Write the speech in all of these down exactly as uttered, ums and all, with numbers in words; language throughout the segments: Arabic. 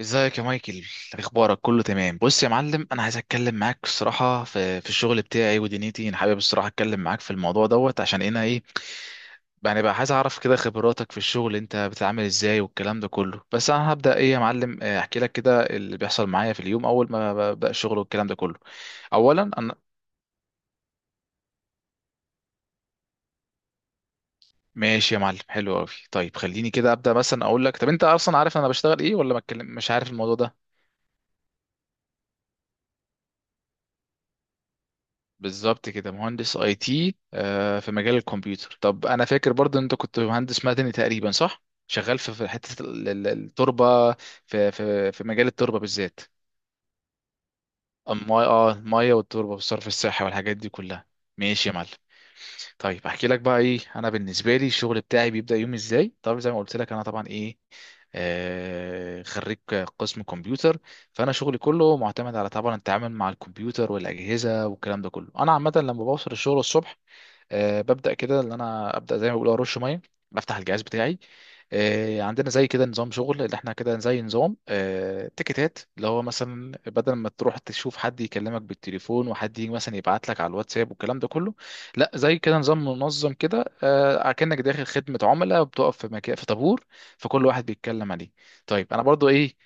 ازيك يا مايكل. اخبارك؟ كله تمام. بص يا معلم، انا عايز اتكلم معاك الصراحه في في الشغل بتاعي ودنيتي. انا حابب الصراحه اتكلم معاك في الموضوع دوت عشان انا ايه، يعني بقى عايز اعرف كده خبراتك في الشغل، انت بتتعامل ازاي والكلام ده كله. بس انا هبدا ايه يا معلم، اه، احكي لك كده اللي بيحصل معايا في اليوم اول ما ببدا الشغل والكلام ده كله. اولا انا ماشي يا معلم، حلو قوي. طيب خليني كده ابدا، مثلا اقول لك، طب انت اصلا عارف انا بشتغل ايه ولا ما اتكلم؟ مش عارف الموضوع ده. بالظبط كده، مهندس اي تي، آه، في مجال الكمبيوتر. طب انا فاكر برضو إن انت كنت مهندس مدني تقريبا، صح؟ شغال في في حته ال- ال- التربه، في في في مجال التربه بالذات. المايه، اه المايه والتربه والصرف الصحي والحاجات دي كلها. ماشي يا معلم. طيب احكي لك بقى ايه، انا بالنسبه لي الشغل بتاعي بيبدا يوم ازاي. طب زي ما قلت لك انا طبعا ايه، آه، خريج قسم كمبيوتر. فانا شغلي كله معتمد على طبعا التعامل مع الكمبيوتر والاجهزه والكلام ده كله. انا عامه لما بوصل الشغل الصبح، آه، ببدا كده ان انا ابدا زي ما بيقولوا ارش ميه. بفتح الجهاز بتاعي، آه، عندنا زي كده نظام شغل، اللي احنا كده زي نظام آه، تيكتات، اللي هو مثلا بدل ما تروح تشوف حد يكلمك بالتليفون وحد يجي مثلا يبعت لك على الواتساب والكلام ده كله، لا زي كده نظام منظم كده، آه، كأنك داخل خدمة عملاء بتقف في مكان في طابور، فكل واحد بيتكلم عليه. طيب انا برضو ايه،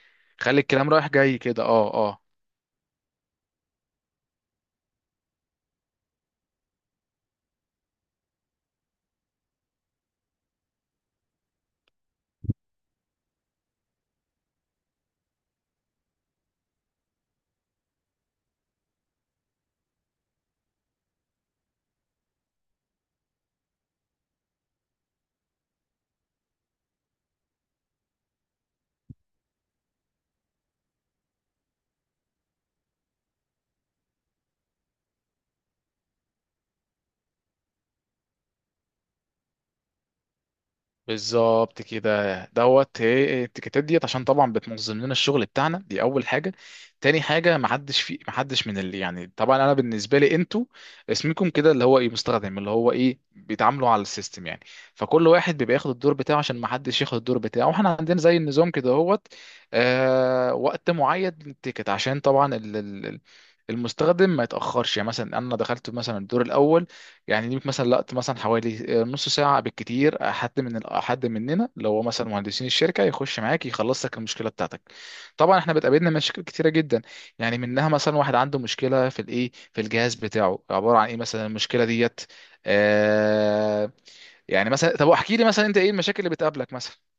خلي الكلام رايح جاي كده. اه اه، بالظبط كده دوت، هي التيكيتات ديت عشان طبعا بتنظم لنا الشغل بتاعنا. دي اول حاجه. تاني حاجه ما حدش في ما حدش من اللي يعني طبعا انا بالنسبه لي، انتوا اسمكم كده اللي هو ايه مستخدم، اللي هو ايه بيتعاملوا على السيستم يعني. فكل واحد بيبقى ياخد الدور بتاعه عشان ما حدش ياخد الدور بتاعه، واحنا عندنا زي النظام كده هوت. آه، وقت معين للتيكت عشان طبعا ال ال- المستخدم ما يتاخرش. يعني مثلا انا دخلت مثلا الدور الاول، يعني ليك مثلا وقت مثلا حوالي آه، نص ساعة بالكتير. آه، حد من ال- حد مننا لو هو مثلا مهندسين الشركة يخش معاك يخلص لك المشكلة بتاعتك. طبعا احنا بتقابلنا مشاكل كتيرة جدا، يعني منها مثلا واحد عنده مشكلة في الايه، في الجهاز بتاعه، عبارة عن ايه مثلا، المشكلة ديت، آه. يعني مثلا طب احكي لي مثلا انت ايه المشاكل اللي بتقابلك مثلا.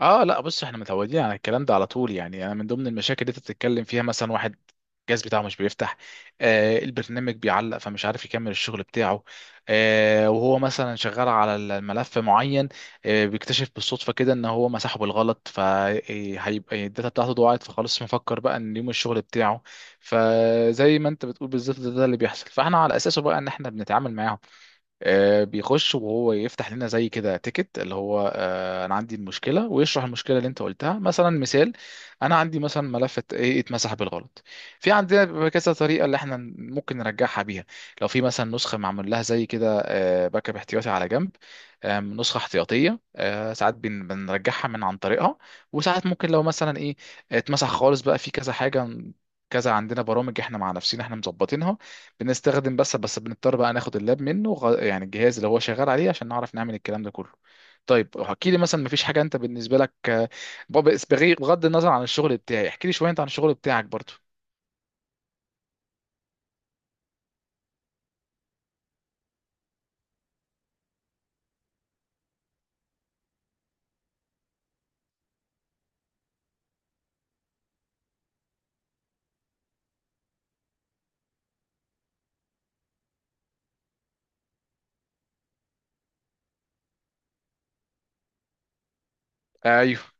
اه لا، بص احنا متعودين على الكلام ده على طول. يعني انا من ضمن المشاكل اللي انت بتتكلم فيها، مثلا واحد الجهاز بتاعه مش بيفتح، آه البرنامج بيعلق فمش عارف يكمل الشغل بتاعه، آه وهو مثلا شغال على الملف معين، آه بيكتشف بالصدفة كده ان هو مسحه بالغلط، فهيبقى الداتا بتاعته ضاعت، فخلاص مفكر بقى ان يوم الشغل بتاعه. فزي ما انت بتقول بالظبط، ده, ده اللي بيحصل، فاحنا على اساسه بقى ان احنا بنتعامل معاهم. آه، بيخش وهو يفتح لنا زي كده تيكت، اللي هو آه، انا عندي المشكله، ويشرح المشكله اللي انت قلتها. مثلا مثال، انا عندي مثلا ملف ات- ايه اتمسح بالغلط. في عندنا بيبقى كذا طريقه اللي احنا ممكن نرجعها بيها. لو في مثلا نسخه معمول لها زي كده آه، باك اب احتياطي على جنب، آم، نسخه احتياطيه، آه، ساعات بن- بنرجعها من عن طريقها. وساعات ممكن لو مثلا ايه اتمسح خالص، بقى في كذا حاجه، كذا عندنا برامج احنا مع نفسنا احنا مظبطينها بنستخدم. بس بس بنضطر بقى ناخد اللاب منه، غ- يعني الجهاز اللي هو شغال عليه، عشان نعرف نعمل الكلام ده كله. طيب احكي لي مثلا، مفيش حاجه انت بالنسبه لك؟ آه، بغ- بغض النظر عن الشغل بتاعي، احكي لي شويه انت عن الشغل بتاعك برضو. ايوه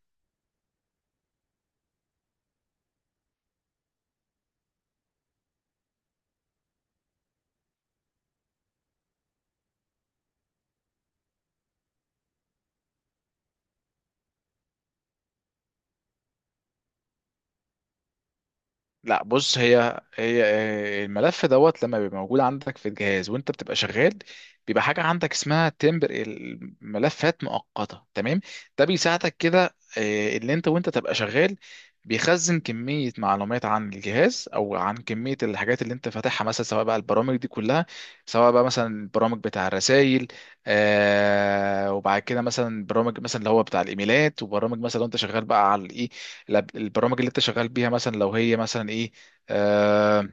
لا بص، هي هي آه، الملف دوت لما بيبقى موجود عندك في الجهاز وانت بتبقى شغال، بيبقى حاجه عندك اسمها تمبر الملفات مؤقته، تمام؟ ده بيساعدك كده، آه، اللي انت وانت تبقى شغال بيخزن كميه معلومات عن الجهاز او عن كميه الحاجات اللي انت فاتحها، مثلا سواء بقى البرامج دي كلها، سواء بقى مثلا البرامج بتاع الرسائل، آه وبعد كده مثلا برامج مثلا اللي هو بتاع الايميلات، وبرامج مثلا لو انت شغال بقى على الايه، الأب- البرامج اللي انت شغال بيها، مثلا لو هي مثلا ايه، آه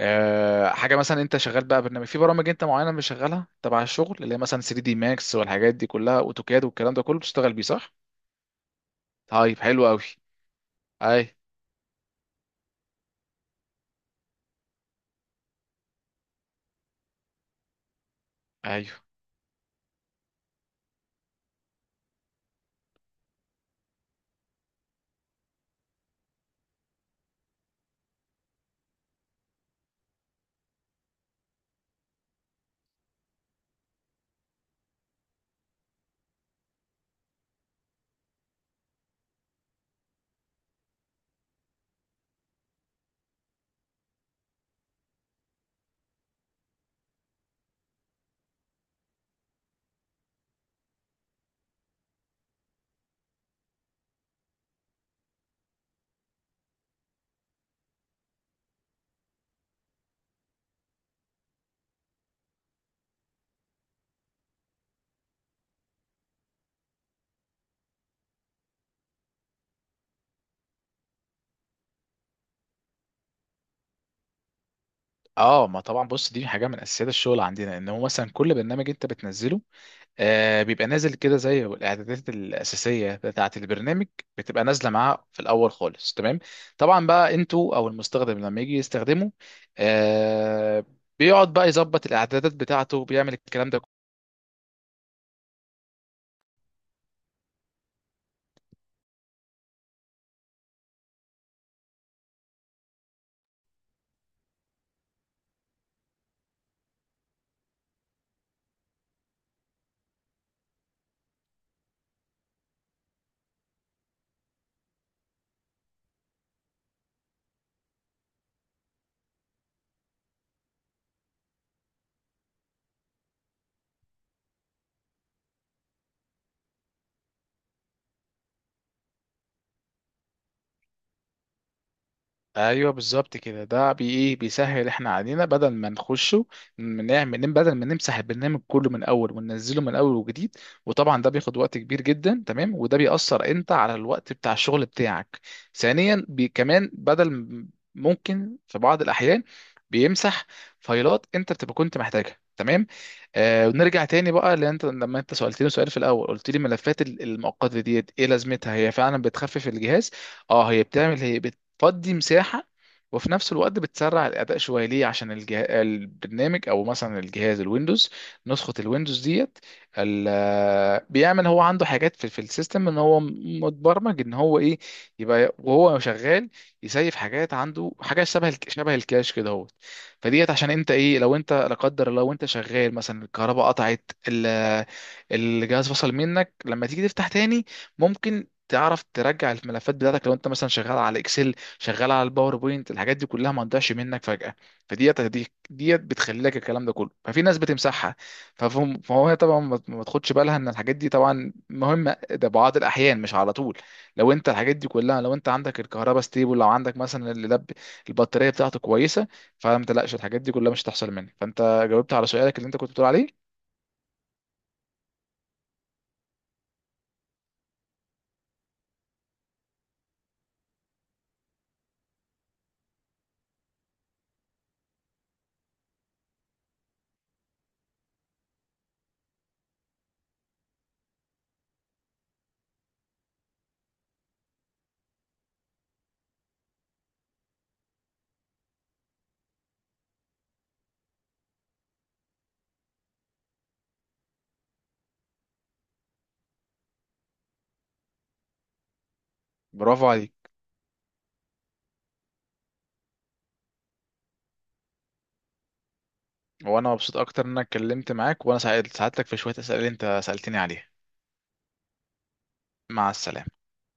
آه حاجه مثلا انت شغال بقى برنامج، في برامج انت معينه بشغلها تبع الشغل، اللي هي مثلا ثري دي ماكس والحاجات دي كلها، اوتوكاد والكلام ده كله بتشتغل بيه، صح؟ طيب حلو قوي. اي، ايوه. اه ما طبعا بص، دي حاجه من اساسيات الشغل عندنا، ان هو مثلا كل برنامج انت بتنزله آه بيبقى نازل كده زي الاعدادات الاساسيه بتاعه، البرنامج بتبقى نازله معاه في الاول خالص، تمام. طبعا بقى انتوا او المستخدم لما يجي يستخدمه، آه بيقعد بقى يظبط الاعدادات بتاعته بيعمل الكلام ده. ايوه بالظبط كده، ده بي ايه بيسهل احنا علينا بدل ما نخشه نعمل نم- بدل ما نمسح البرنامج كله من الاول وننزله من الاول وجديد، وطبعا ده بياخد وقت كبير جدا، تمام؟ وده بيأثر انت على الوقت بتاع الشغل بتاعك. ثانيا بي، كمان بدل م- ممكن في بعض الاحيان بيمسح فايلات انت بتبقى كنت محتاجها، تمام. آه ونرجع تاني بقى، لان انت لما انت سألتني سؤال في الاول، قلت لي ملفات ال- المؤقته ديت ايه لازمتها، هي فعلا بتخفف الجهاز. اه هي بتعمل هي، فدي مساحة، وفي نفس الوقت بتسرع الأداء شوية، ليه؟ عشان الجه... البرنامج أو مثلا الجهاز الويندوز، نسخة الويندوز ديت ال... بيعمل هو عنده حاجات في, في السيستم، إن هو متبرمج إن هو إيه، يبقى وهو شغال يسيف حاجات عنده. حاجة شبه الك... شبه الكاش كده هو، فديت عشان أنت إيه لو أنت لا قدر الله وأنت شغال مثلا الكهرباء قطعت ال... الجهاز فصل منك، لما تيجي تفتح تاني ممكن تعرف ترجع الملفات بتاعتك لو انت مثلا شغال على اكسل، شغال على الباوربوينت، الحاجات دي كلها ما تضيعش منك فجأة. فديت دي- ديت بتخلي لك الكلام ده كله، ففي ناس بتمسحها، ففهم- فهو هي طبعا ما ما تاخدش بالها ان الحاجات دي طبعا مهمة، ده بعض الاحيان مش على طول. لو انت الحاجات دي كلها، لو انت عندك الكهرباء ستيبل، لو عندك مثلا اللاب البطارية بتاعته كويسة، فما تقلقش الحاجات دي كلها مش هتحصل منك. فانت جاوبت على سؤالك اللي انت كنت بتقول عليه. برافو عليك، وانا مبسوط اكتر ان انا اتكلمت معاك وانا ساعدتك في شوية اسئلة اللي انت سألتني عليها. مع السلامة.